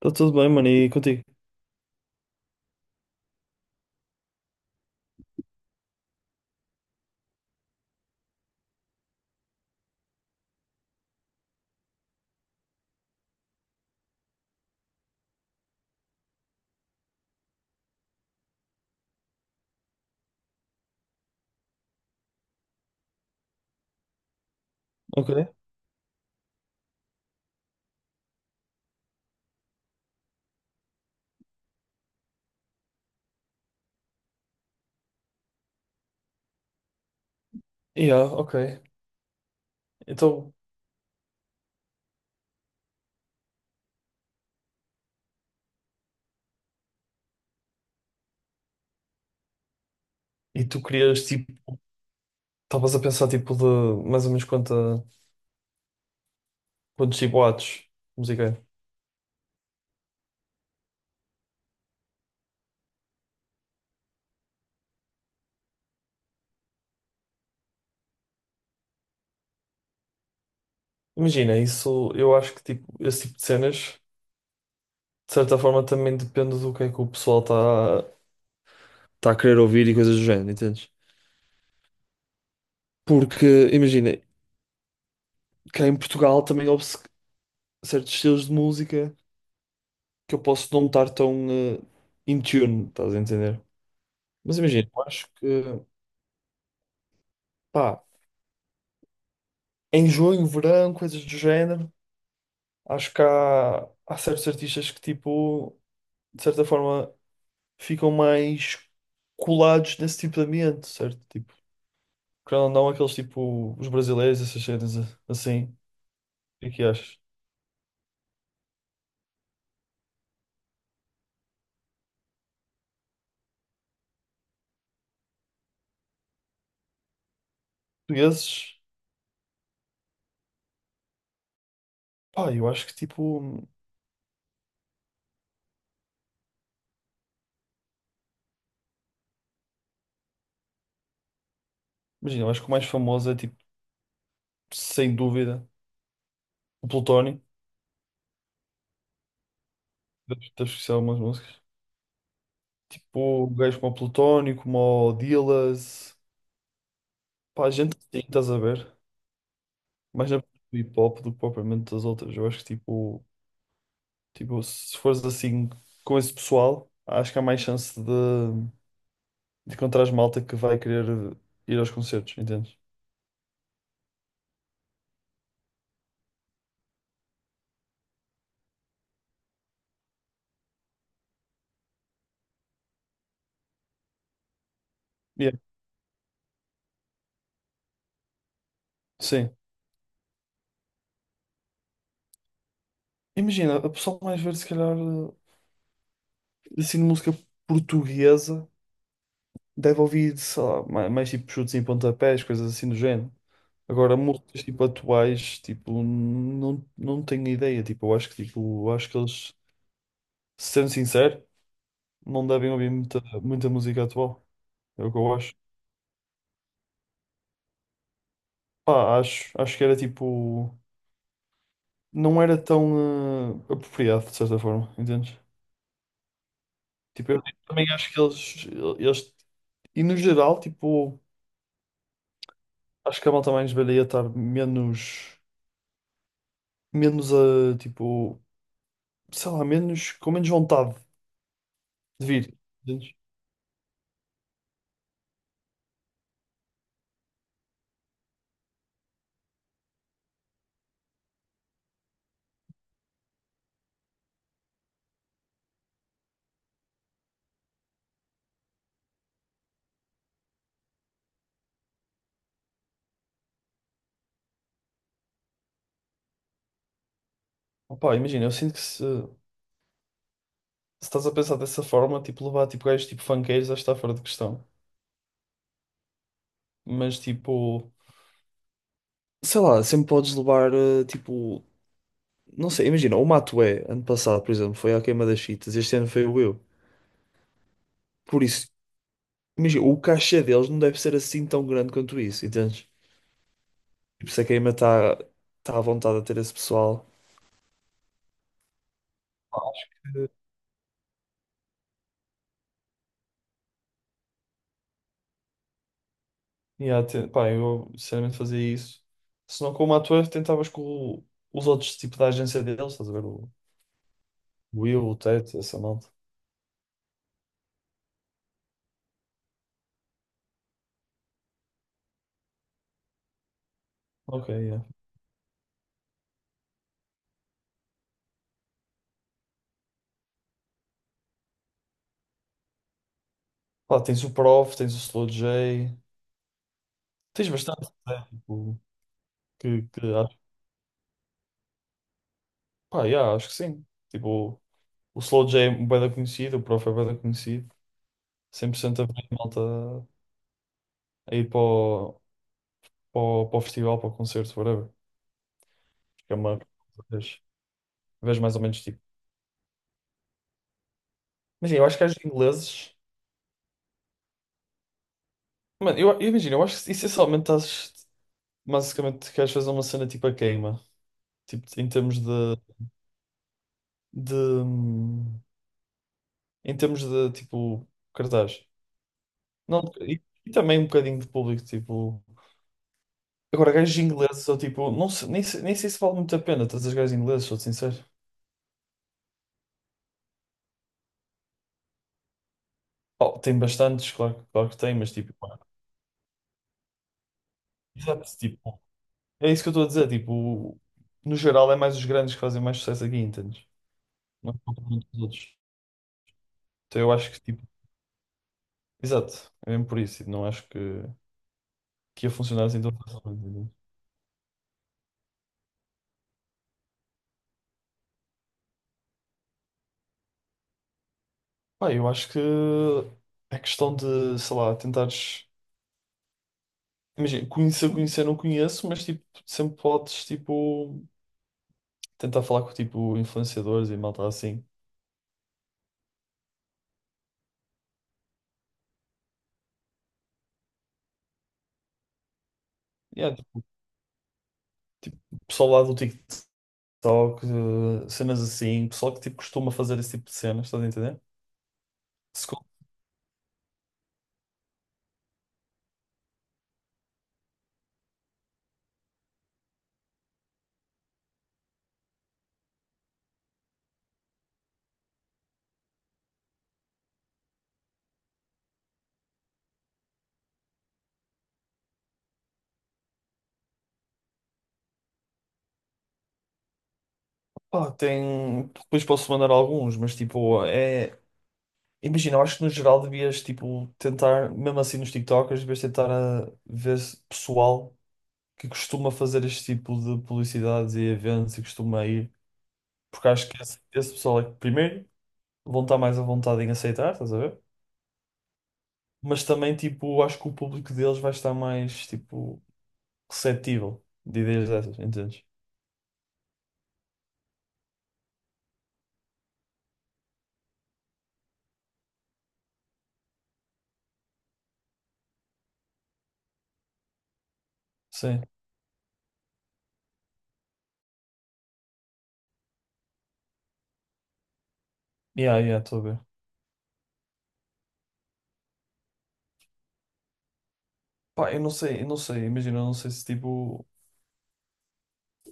Está tudo bem, mano, e contigo? Ok. Yeah, ok. Então, e tu querias, tipo, estavas a pensar, tipo, de mais ou menos quantos tipo, watts de música é? Imagina, isso, eu acho que, tipo, esse tipo de cenas, de certa forma, também depende do que é que o pessoal está tá a querer ouvir e coisas do género, entendes? Porque, imagina, cá em Portugal também houve certos estilos de música que eu posso não estar tão in tune, estás a entender? Mas imagina, eu acho que, pá. Em junho, verão, coisas do género. Acho que há certos artistas que, tipo, de certa forma, ficam mais colados nesse tipo de ambiente, certo? Tipo, querendo ou não, aqueles tipo, os brasileiros, essas cenas assim. O que é que achas? Portugueses, pá, eu acho que, tipo, imagina, eu acho que o mais famoso é, tipo, sem dúvida, o Plutónio. Deves conhecer algumas músicas. Tipo, gajos como o Plutónio, como o Dillaz, pá, gente assim, estás a ver? Mais a hip hop do que propriamente das outras. Eu acho que tipo, se fores assim com esse pessoal, acho que há mais chance de encontrares malta que vai querer ir aos concertos, entendes? Yeah. Sim. Imagina, a pessoa mais velha, se calhar, assim, de música portuguesa, deve ouvir, sei lá, mais tipo chutes em pontapés, coisas assim do género. Agora, músicas tipo atuais, tipo, não tenho ideia. Tipo, eu acho que, tipo, eu acho que eles, sendo sincero, não devem ouvir muita música atual. É o que eu acho. Pá, acho, acho que era tipo. Não era tão apropriado, de certa forma, entendes? Tipo, eu também acho que eles. E no geral, tipo. Acho que a malta mais velha ia estar menos. Menos a. Tipo. Sei lá, menos. Com menos vontade de vir, entendes? Opá, imagina, eu sinto que se estás a pensar dessa forma, tipo, levar tipo gajos tipo funkeiros, acho que está fora de questão. Mas tipo. Sei lá, sempre podes levar tipo. Não sei, imagina, o Matué, ano passado, por exemplo, foi à queima das fitas, este ano foi o eu. Por isso, imagina, o cachê deles não deve ser assim tão grande quanto isso, entendes? E por isso a queima está tá à vontade a ter esse pessoal. Eh, Yeah, pá, eu sinceramente fazia isso. Se não com o ator, tentavas com o- os outros tipo da agência deles, estás a ver? O Will, o Ted, essa malta. Ok, yeah. Pá, tens o Prof, tens o Slow J, tens bastante, né? Tipo, que acho, pá, yeah, acho que sim. Tipo, o Slow J é bué da conhecido, o Prof é bué da conhecido. 100% a ver malta a ir para o, para o, para o festival, para o concerto, whatever. Que é uma vez, vez mais ou menos tipo. Imagina, eu acho que as ingleses. Mano, eu imagino, eu acho que essencialmente estás. Basicamente, queres fazer uma cena tipo a queima. Tipo, em termos de. Em termos de, tipo, cartaz. Não, e também um bocadinho de público, tipo. Agora, gajos ingleses, ou tipo, não sei- nem, sei- nem sei se vale muito a pena trazer gajos ingleses, sou sincero. Oh, tem bastantes, claro, claro que tem, mas tipo, pá, exato, tipo, é isso que eu estou a dizer, tipo, no geral é mais os grandes que fazem mais sucesso aqui, entendes? Não é propriamente os outros. Então eu acho que, tipo, exato, é mesmo por isso, tipo, não acho que ia funcionar assim tão facilmente, entende? Pá, eu acho que é questão de, sei lá, tentares, imagina, conhecer, conhecer não conheço, mas, tipo, sempre podes, tipo, tentar falar com, tipo, influenciadores e malta assim. Yeah, tipo, pessoal lá do TikTok. Só que cenas assim, pessoal que tipo costuma fazer esse tipo de cenas, estás a entender? Se co- pá, tem. Depois posso mandar alguns, mas tipo, é. Imagina, eu acho que no geral devias tipo tentar, mesmo assim nos TikTokers, devias tentar ver pessoal que costuma fazer este tipo de publicidades e eventos e costuma ir, porque acho que esse pessoal é que primeiro vão estar mais à vontade em aceitar, estás a ver? Mas também tipo, acho que o público deles vai estar mais tipo receptível de ideias dessas, entendes? Sim. Yeah, yeah, estou a ver. Pá, eu não sei, imagina, eu não sei se tipo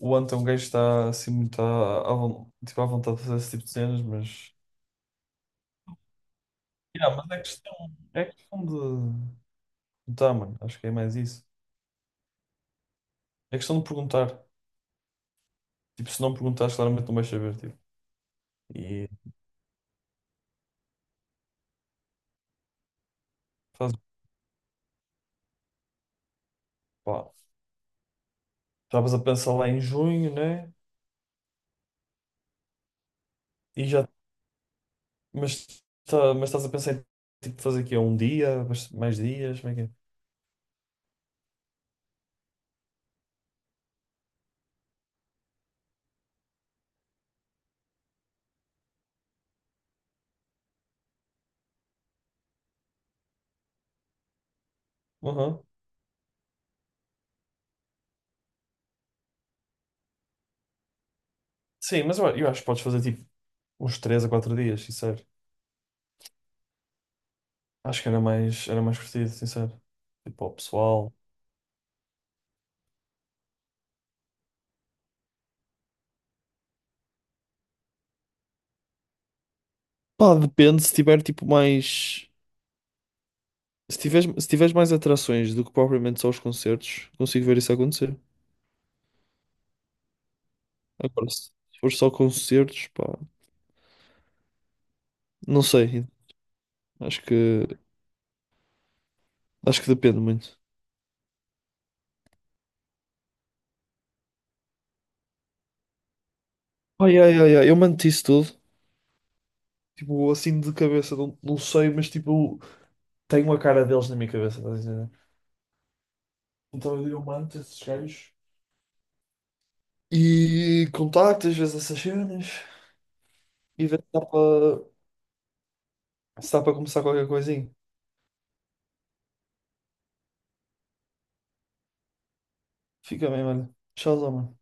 o Ant é um gajo que está assim muito à tipo, à vontade de fazer esse tipo de cenas, mas. Yeah, mas é questão de. Tá, mano, acho que é mais isso. É questão de perguntar. Tipo, se não perguntares, claramente não vais saber, tipo. E faz, pá, estavas a pensar lá em junho, né? E já. Mas, tá, mas estás a pensar em tipo, fazer aqui um dia, mais dias, como é que é? Uhum. Sim, mas eu acho que podes fazer tipo uns 3 a 4 dias, sincero. Acho que era mais curtido, sincero. Tipo, ao pessoal. Pá, depende se tiver tipo mais. Se tiveres, se tiveres mais atrações do que propriamente só os concertos, consigo ver isso acontecer. Agora, se for só concertos, pá, não sei. Acho que, acho que depende muito. Ai, ai, ai, ai, eu mando isso tudo. Tipo, assim de cabeça, não sei, mas tipo, tenho a cara deles na minha cabeça, estás a entender? Então eu mando esses gajos e contacto às vezes essas cenas e ver se dá para. Se dá para começar qualquer coisinha, fica bem, olha. Tchauzão, mano.